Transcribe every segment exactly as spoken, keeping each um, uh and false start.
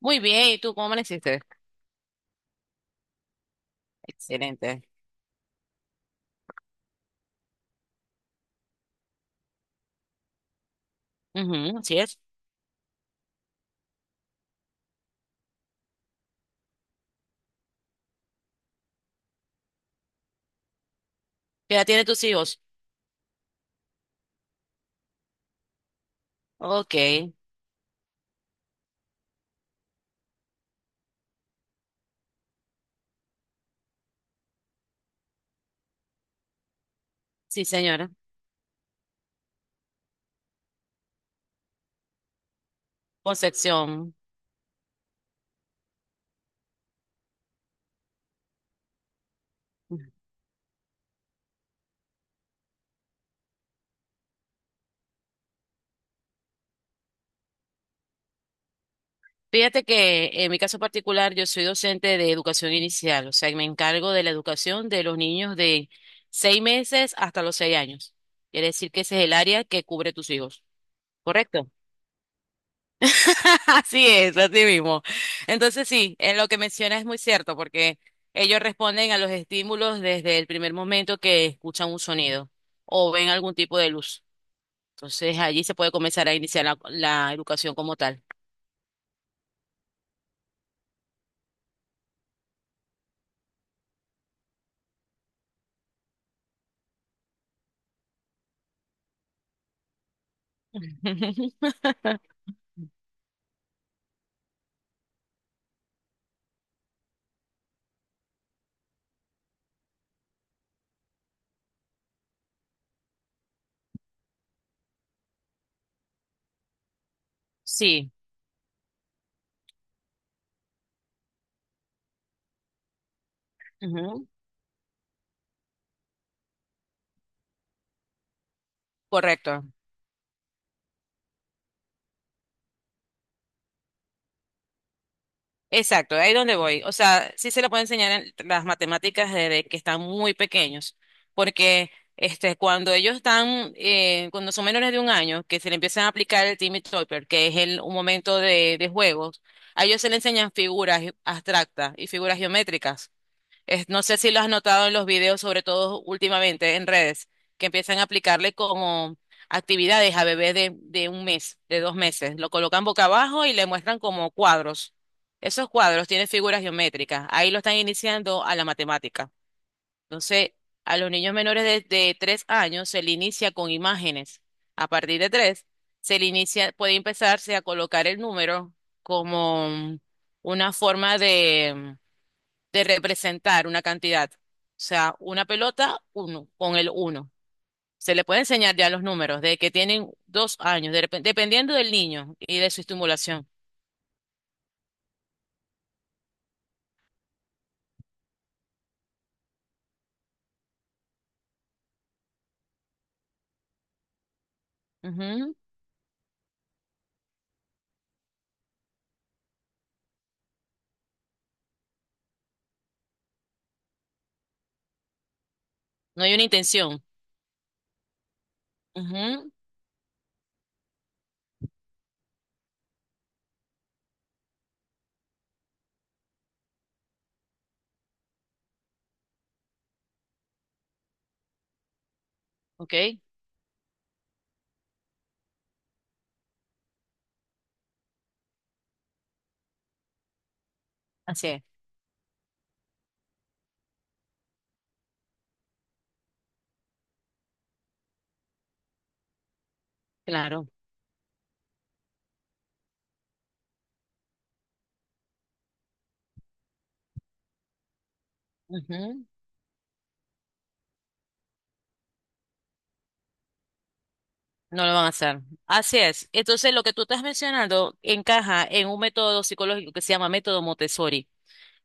Muy bien, ¿y tú cómo amaneciste? Excelente. Ujú, así es. ¿Qué edad tienen tus hijos? Ok, sí, señora. Concepción. Fíjate que en mi caso particular yo soy docente de educación inicial, o sea, y me encargo de la educación de los niños de seis meses hasta los seis años. Quiere decir que ese es el área que cubre tus hijos, ¿correcto? Así es, así mismo. Entonces sí, en lo que menciona es muy cierto, porque ellos responden a los estímulos desde el primer momento que escuchan un sonido o ven algún tipo de luz. Entonces allí se puede comenzar a iniciar la, la educación como tal. Sí, ujú, correcto. Exacto, ahí es donde voy. O sea, sí se le puede enseñar en las matemáticas desde que están muy pequeños, porque este, cuando ellos están, eh, cuando son menores de un año, que se le empiezan a aplicar el Timmy Topper, que es el, un momento de, de juegos, a ellos se le enseñan figuras ge- abstractas y figuras geométricas. Es- no sé si lo has notado en los videos, sobre todo últimamente en redes, que empiezan a aplicarle como actividades a bebés de, de un mes, de dos meses. Lo colocan boca abajo y le muestran como cuadros. Esos cuadros tienen figuras geométricas. Ahí lo están iniciando a la matemática. Entonces, a los niños menores de, de tres años se le inicia con imágenes. A partir de tres, se le inicia, puede empezarse a colocar el número como una forma de representar una cantidad. O sea, una pelota, uno, con el uno. Se le puede enseñar ya los números de que tienen dos años, de repen- dependiendo del niño y de su estimulación. Ujú. No hay una intención. Ujú. Ok, así es, claro. Ujú. No lo van a hacer. Así es. Entonces, lo que tú estás mencionando encaja en un método psicológico que se llama método Montessori.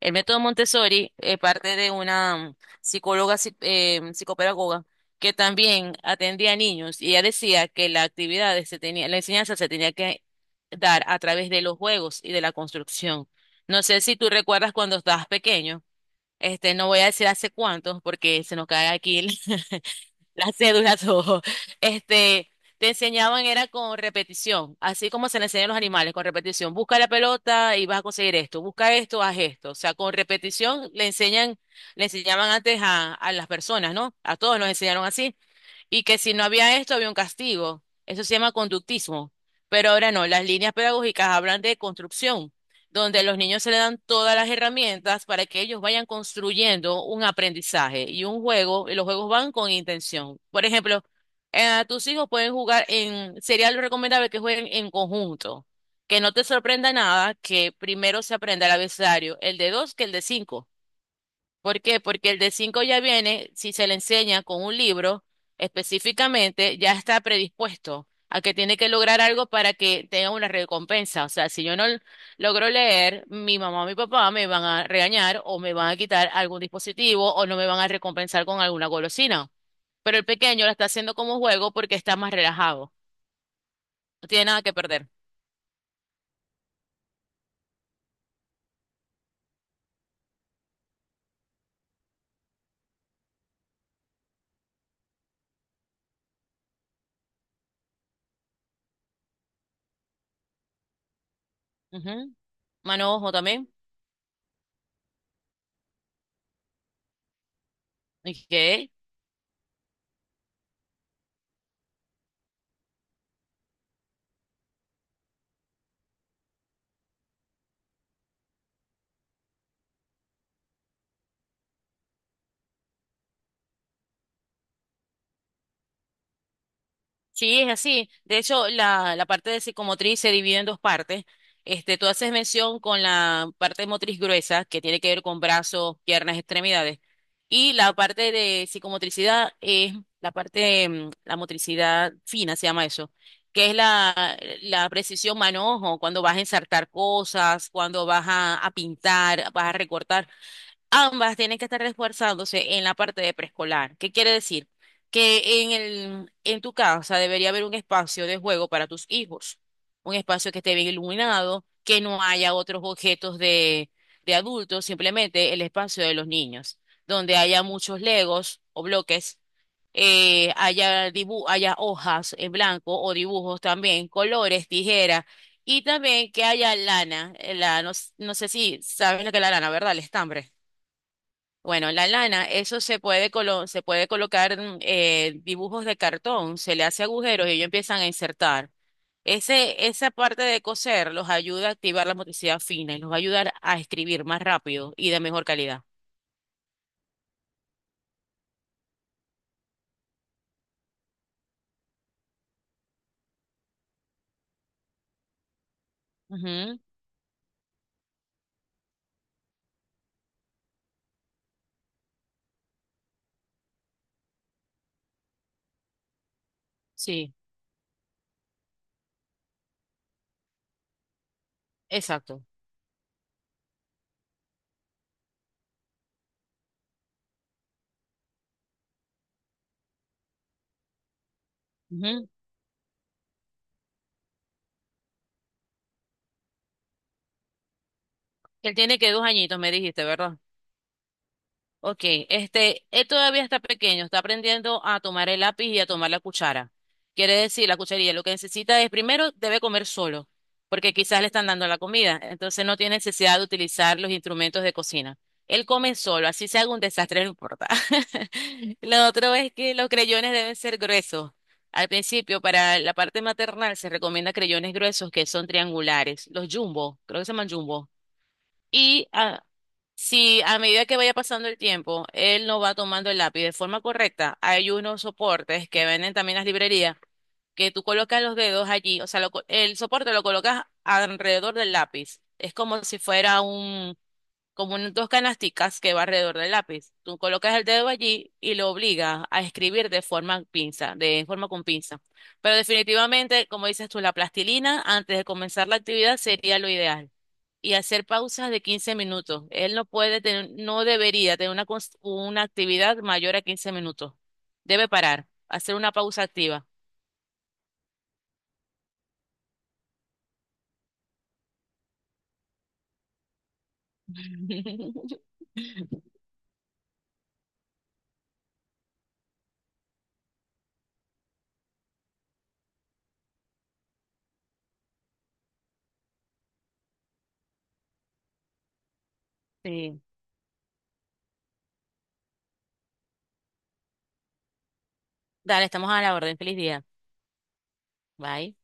El método Montessori es parte de una mm, psicóloga, psi- eh, psicopedagoga, que también atendía a niños y ella decía que la actividad se tenía, la enseñanza se tenía que dar a través de los juegos y de la construcción. No sé si tú recuerdas cuando estabas pequeño, este, no voy a decir hace cuántos porque se nos cae aquí el, las cédulas, todo. Este, te enseñaban era con repetición, así como se le enseñan a los animales, con repetición. Busca la pelota y vas a conseguir esto, busca esto, haz esto. O sea, con repetición le enseñan, le enseñaban antes a, a las personas, ¿no? A todos nos enseñaron así y que si no había esto había un castigo. Eso se llama conductismo. Pero ahora no, las líneas pedagógicas hablan de construcción, donde a los niños se le dan todas las herramientas para que ellos vayan construyendo un aprendizaje y un juego, y los juegos van con intención. Por ejemplo, eh, tus hijos pueden jugar en, sería lo recomendable que jueguen en conjunto, que no te sorprenda nada que primero se aprenda el abecedario, el de dos que el de cinco. ¿Por qué? Porque el de cinco ya viene, si se le enseña con un libro específicamente, ya está predispuesto a que tiene que lograr algo para que tenga una recompensa. O sea, si yo no l- logro leer, mi mamá o mi papá me van a regañar o me van a quitar algún dispositivo o no me van a recompensar con alguna golosina. Pero el pequeño lo está haciendo como juego porque está más relajado. No tiene nada que perder. Ujú. Mano ojo también. Ok. Sí, es así. De hecho, la, la parte de psicomotriz se divide en dos partes. Este, tú haces mención con la parte motriz gruesa, que tiene que ver con brazos, piernas, extremidades. Y la parte de psicomotricidad es la parte, mm, la motricidad fina, se llama eso, que es la, la precisión manojo, cuando vas a ensartar cosas, cuando vas a, a pintar, vas a recortar. Ambas tienen que estar esforzándose en la parte de preescolar. ¿Qué quiere decir? Que en el, en tu casa debería haber un espacio de juego para tus hijos, un espacio que esté bien iluminado, que no haya otros objetos de, de adultos, simplemente el espacio de los niños, donde haya muchos legos o bloques, eh, haya dibu- haya hojas en blanco o dibujos también, colores, tijeras. Y también que haya lana, eh, la, no, s- no sé si saben lo que es la lana, ¿verdad? El estambre. Bueno, la lana, eso se puede, colo- se puede colocar mm, eh, dibujos de cartón, se le hace agujeros y ellos empiezan a insertar. Ese, esa parte de coser los ayuda a activar la motricidad fina y los va a ayudar a escribir más rápido y de mejor calidad. Ujú, sí, exacto. Ujú. Él tiene que dos añitos, me dijiste, ¿verdad? Ok, este, él todavía está pequeño, está aprendiendo a tomar el lápiz y a tomar la cuchara. Quiere decir, la cucharilla, lo que necesita es, primero, debe comer solo, porque quizás le están dando la comida, entonces no tiene necesidad de utilizar los instrumentos de cocina. Él come solo, así se haga un desastre, no importa. Lo otro es que los creyones deben ser gruesos. Al principio, para la parte maternal, se recomienda creyones gruesos que son triangulares, los jumbo, creo que se llaman jumbo. Y ah, si a medida que vaya pasando el tiempo, él no va tomando el lápiz de forma correcta, hay unos soportes que venden también en las librerías que tú colocas los dedos allí, o sea, lo co- el soporte lo colocas alrededor del lápiz. Es como si fuera un, como un- dos canasticas que va alrededor del lápiz. Tú colocas el dedo allí y lo obligas a escribir de forma pinza, de forma con pinza. Pero definitivamente, como dices tú, la plastilina antes de comenzar la actividad sería lo ideal y hacer pausas de quince minutos. Él no puede tener, no debería tener una, cons- una actividad mayor a quince minutos. Debe parar, hacer una pausa activa. Sí. Dale, estamos a la orden. Feliz día. Bye.